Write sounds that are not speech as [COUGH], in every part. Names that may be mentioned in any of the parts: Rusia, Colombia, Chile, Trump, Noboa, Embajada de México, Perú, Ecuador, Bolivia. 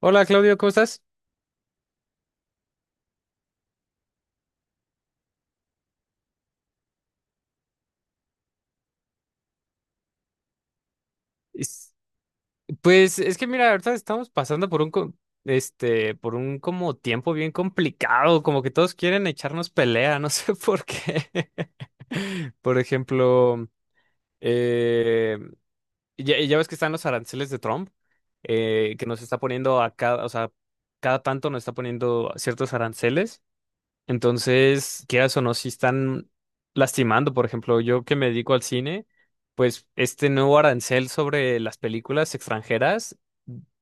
Hola Claudio, ¿cómo estás? Es- Pues es que mira, ahorita estamos pasando por un por un como tiempo bien complicado, como que todos quieren echarnos pelea, no sé [LAUGHS] por qué. [LAUGHS] Por ejemplo, eh, ya ves que están los aranceles de Trump, que nos está poniendo a cada, o sea, cada tanto nos está poniendo ciertos aranceles. Entonces, quieras o no, si están lastimando, por ejemplo, yo que me dedico al cine, pues este nuevo arancel sobre las películas extranjeras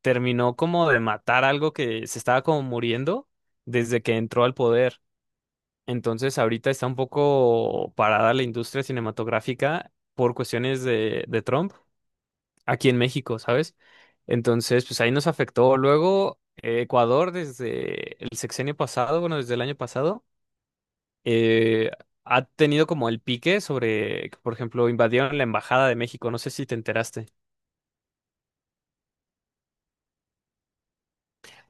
terminó como de matar algo que se estaba como muriendo desde que entró al poder. Entonces, ahorita está un poco parada la industria cinematográfica por cuestiones de Trump aquí en México, ¿sabes? Entonces, pues ahí nos afectó. Luego, Ecuador desde el sexenio pasado, bueno, desde el año pasado eh, ha tenido como el pique sobre que, por ejemplo, invadieron la Embajada de México. No sé si te enteraste.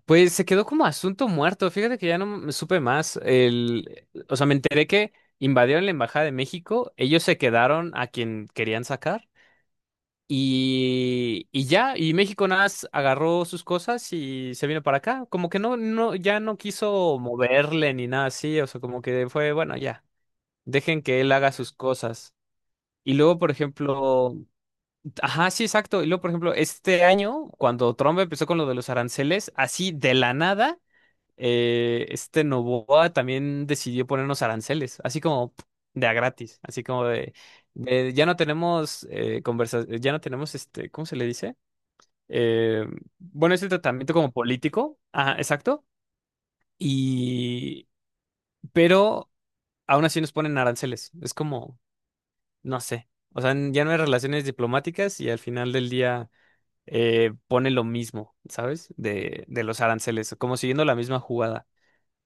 Pues se quedó como asunto muerto. Fíjate que ya no me supe más. El, o sea, me enteré que invadieron la Embajada de México. Ellos se quedaron a quien querían sacar. Y ya, y México nada más agarró sus cosas y se vino para acá. Como que no, no, ya no quiso moverle ni nada así. O sea, como que fue, bueno, ya, dejen que él haga sus cosas. Y luego, por ejemplo, ajá, sí, exacto. Y luego, por ejemplo, este año, cuando Trump empezó con lo de los aranceles, así de la nada, este Noboa también decidió ponernos aranceles, así como pf, de a gratis, así como de ya no tenemos ya no tenemos este, ¿cómo se le dice? Eh, bueno, este tratamiento como político, ajá, exacto. Y, pero aún así nos ponen aranceles. Es como, no sé. O sea, ya no hay relaciones diplomáticas y al final del día. Pone lo mismo, ¿sabes? De los aranceles, como siguiendo la misma jugada.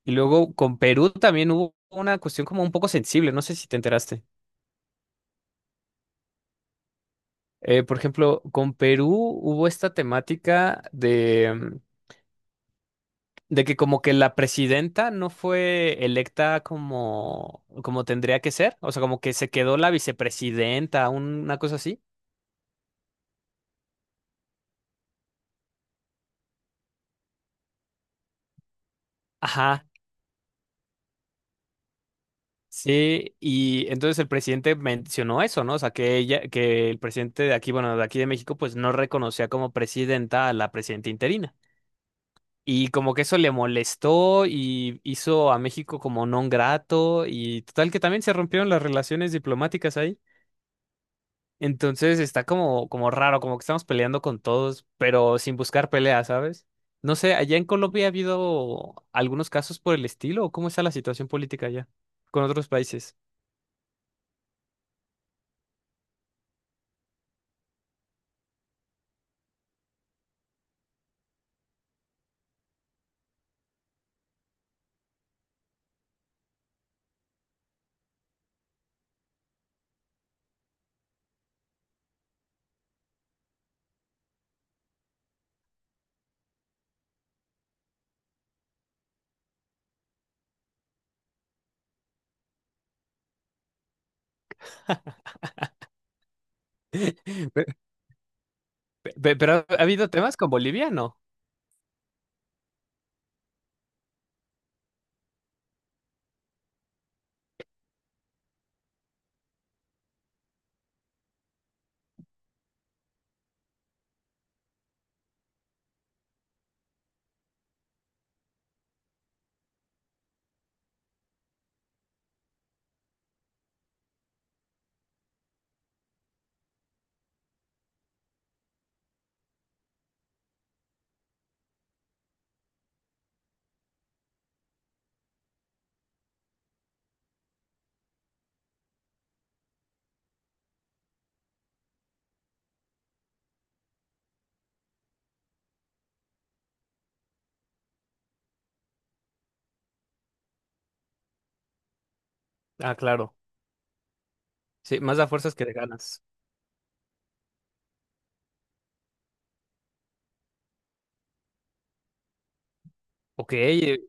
Y luego con Perú también hubo una cuestión como un poco sensible, no sé si te enteraste. Por ejemplo, con Perú hubo esta temática de, de que como que la presidenta no fue electa como, como tendría que ser, o sea, como que se quedó la vicepresidenta, una cosa así. Ajá, sí, y entonces el presidente mencionó eso, ¿no? O sea, que ella, que el presidente de aquí, bueno, de aquí de México, pues no reconocía como presidenta a la presidenta interina. Y como que eso le molestó y hizo a México como non grato y total que también se rompieron las relaciones diplomáticas ahí. Entonces está como, como raro, como que estamos peleando con todos, pero sin buscar pelea, ¿sabes? No sé, allá en Colombia ha habido algunos casos por el estilo, ¿o cómo está la situación política allá con otros países? [LAUGHS] Pero pero ha habido temas con Bolivia, ¿no? Ah, claro. Sí, más da fuerzas que de ganas. Ok, eh,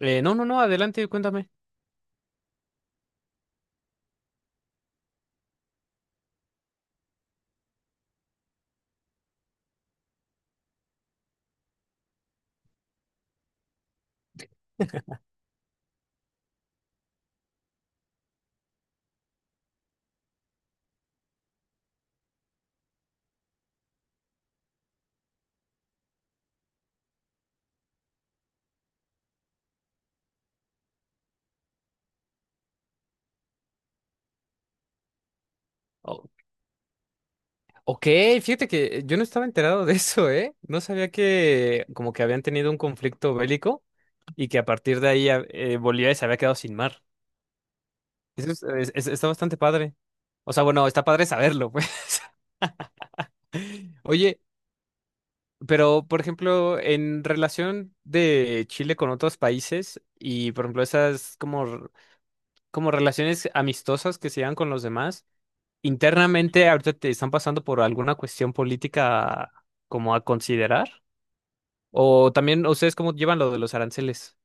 eh, no, no, no, adelante, cuéntame. O- ok, fíjate que yo no estaba enterado de eso, ¿eh? No sabía que como que habían tenido un conflicto bélico y que a partir de ahí Bolivia se había quedado sin mar. Eso está bastante padre. O sea, bueno, está padre saberlo, pues. [LAUGHS] Oye, pero por ejemplo, en relación de Chile con otros países y por ejemplo esas como relaciones amistosas que se llevan con los demás. Internamente, ahorita te están pasando por alguna cuestión política como a considerar. O también, ¿ustedes cómo llevan lo de los aranceles?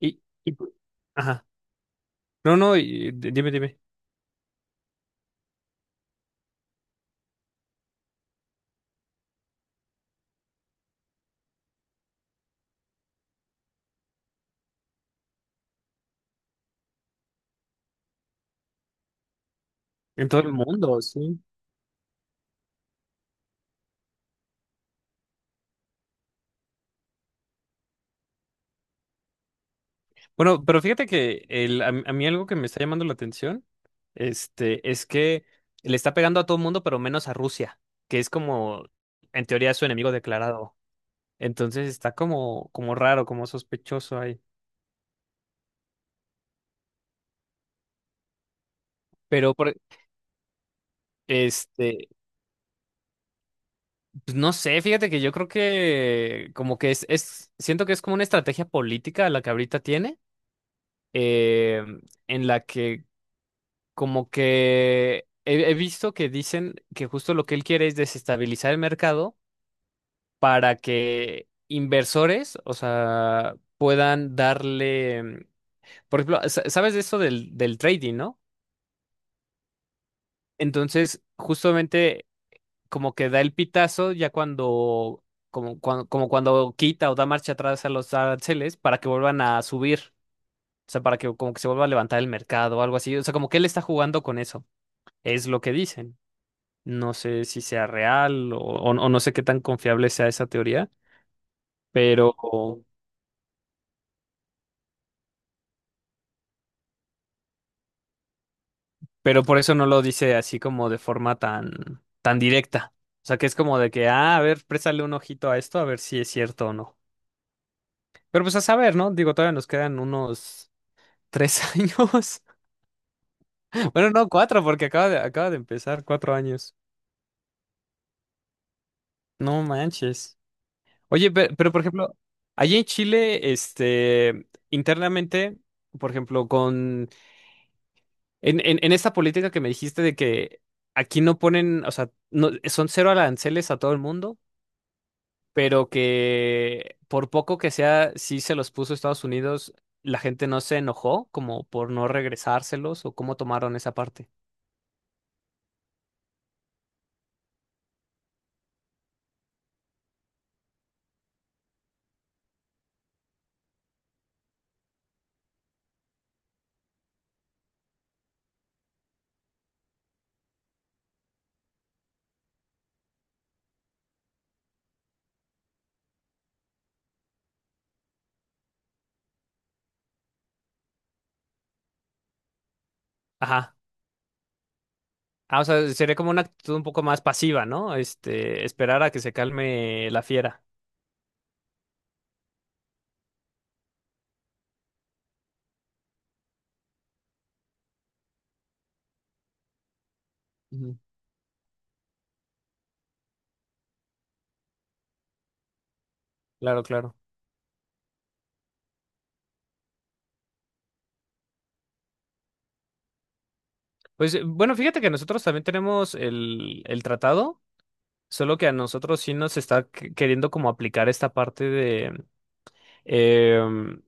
Y, y- ajá. No, no, dime, dime. En todo el mundo, sí. Bueno, pero fíjate que el, a mí algo que me está llamando la atención, este, es que le está pegando a todo el mundo, pero menos a Rusia, que es como, en teoría, su enemigo declarado. Entonces está como, como raro, como sospechoso ahí. Pero por, este, pues, no sé, fíjate que yo creo que como que siento que es como una estrategia política la que ahorita tiene, eh, en la que como que he visto que dicen que justo lo que él quiere es desestabilizar el mercado para que inversores, o sea, puedan darle, mm, por ejemplo, sabes de eso del trading, ¿no? Entonces, justamente como que da el pitazo ya cuando, como cuando, como cuando quita o da marcha atrás a los aranceles para que vuelvan a subir, o sea, para que como que se vuelva a levantar el mercado o algo así, o sea, como que él está jugando con eso, es lo que dicen. No sé si sea real o no sé qué tan confiable sea esa teoría, pero, pero por eso no lo dice así como de forma tan, tan directa. O sea, que es como de que, ah, a ver, préstale un ojito a esto, a ver si es cierto o no. Pero pues a saber, ¿no? Digo, todavía nos quedan unos ¿tres [LAUGHS] años? Bueno, no, cuatro, porque acaba de empezar, cuatro años. No manches. Oye, pero, por ejemplo, allí en Chile, este, internamente, por ejemplo, en esta política que me dijiste de que aquí no ponen, o sea, no, son cero aranceles a todo el mundo, pero que por poco que sea, sí se los puso Estados Unidos, la gente no se enojó como por no regresárselos o cómo tomaron esa parte. Ajá. Ah, o sea, sería como una actitud un poco más pasiva, ¿no? Este, esperar a que se calme la fiera. Ujú. Claro, claro. Pues bueno, fíjate que nosotros también tenemos el tratado, solo que a nosotros sí nos está queriendo como aplicar esta parte de, em,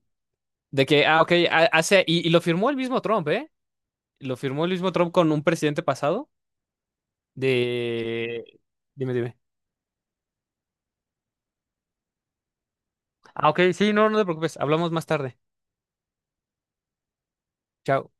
de que, ah, ok, y lo firmó el mismo Trump, ¿eh? Lo firmó el mismo Trump con un presidente pasado de... Dime, dime. Ah, ok, sí, no, no te preocupes, hablamos más tarde. Chao.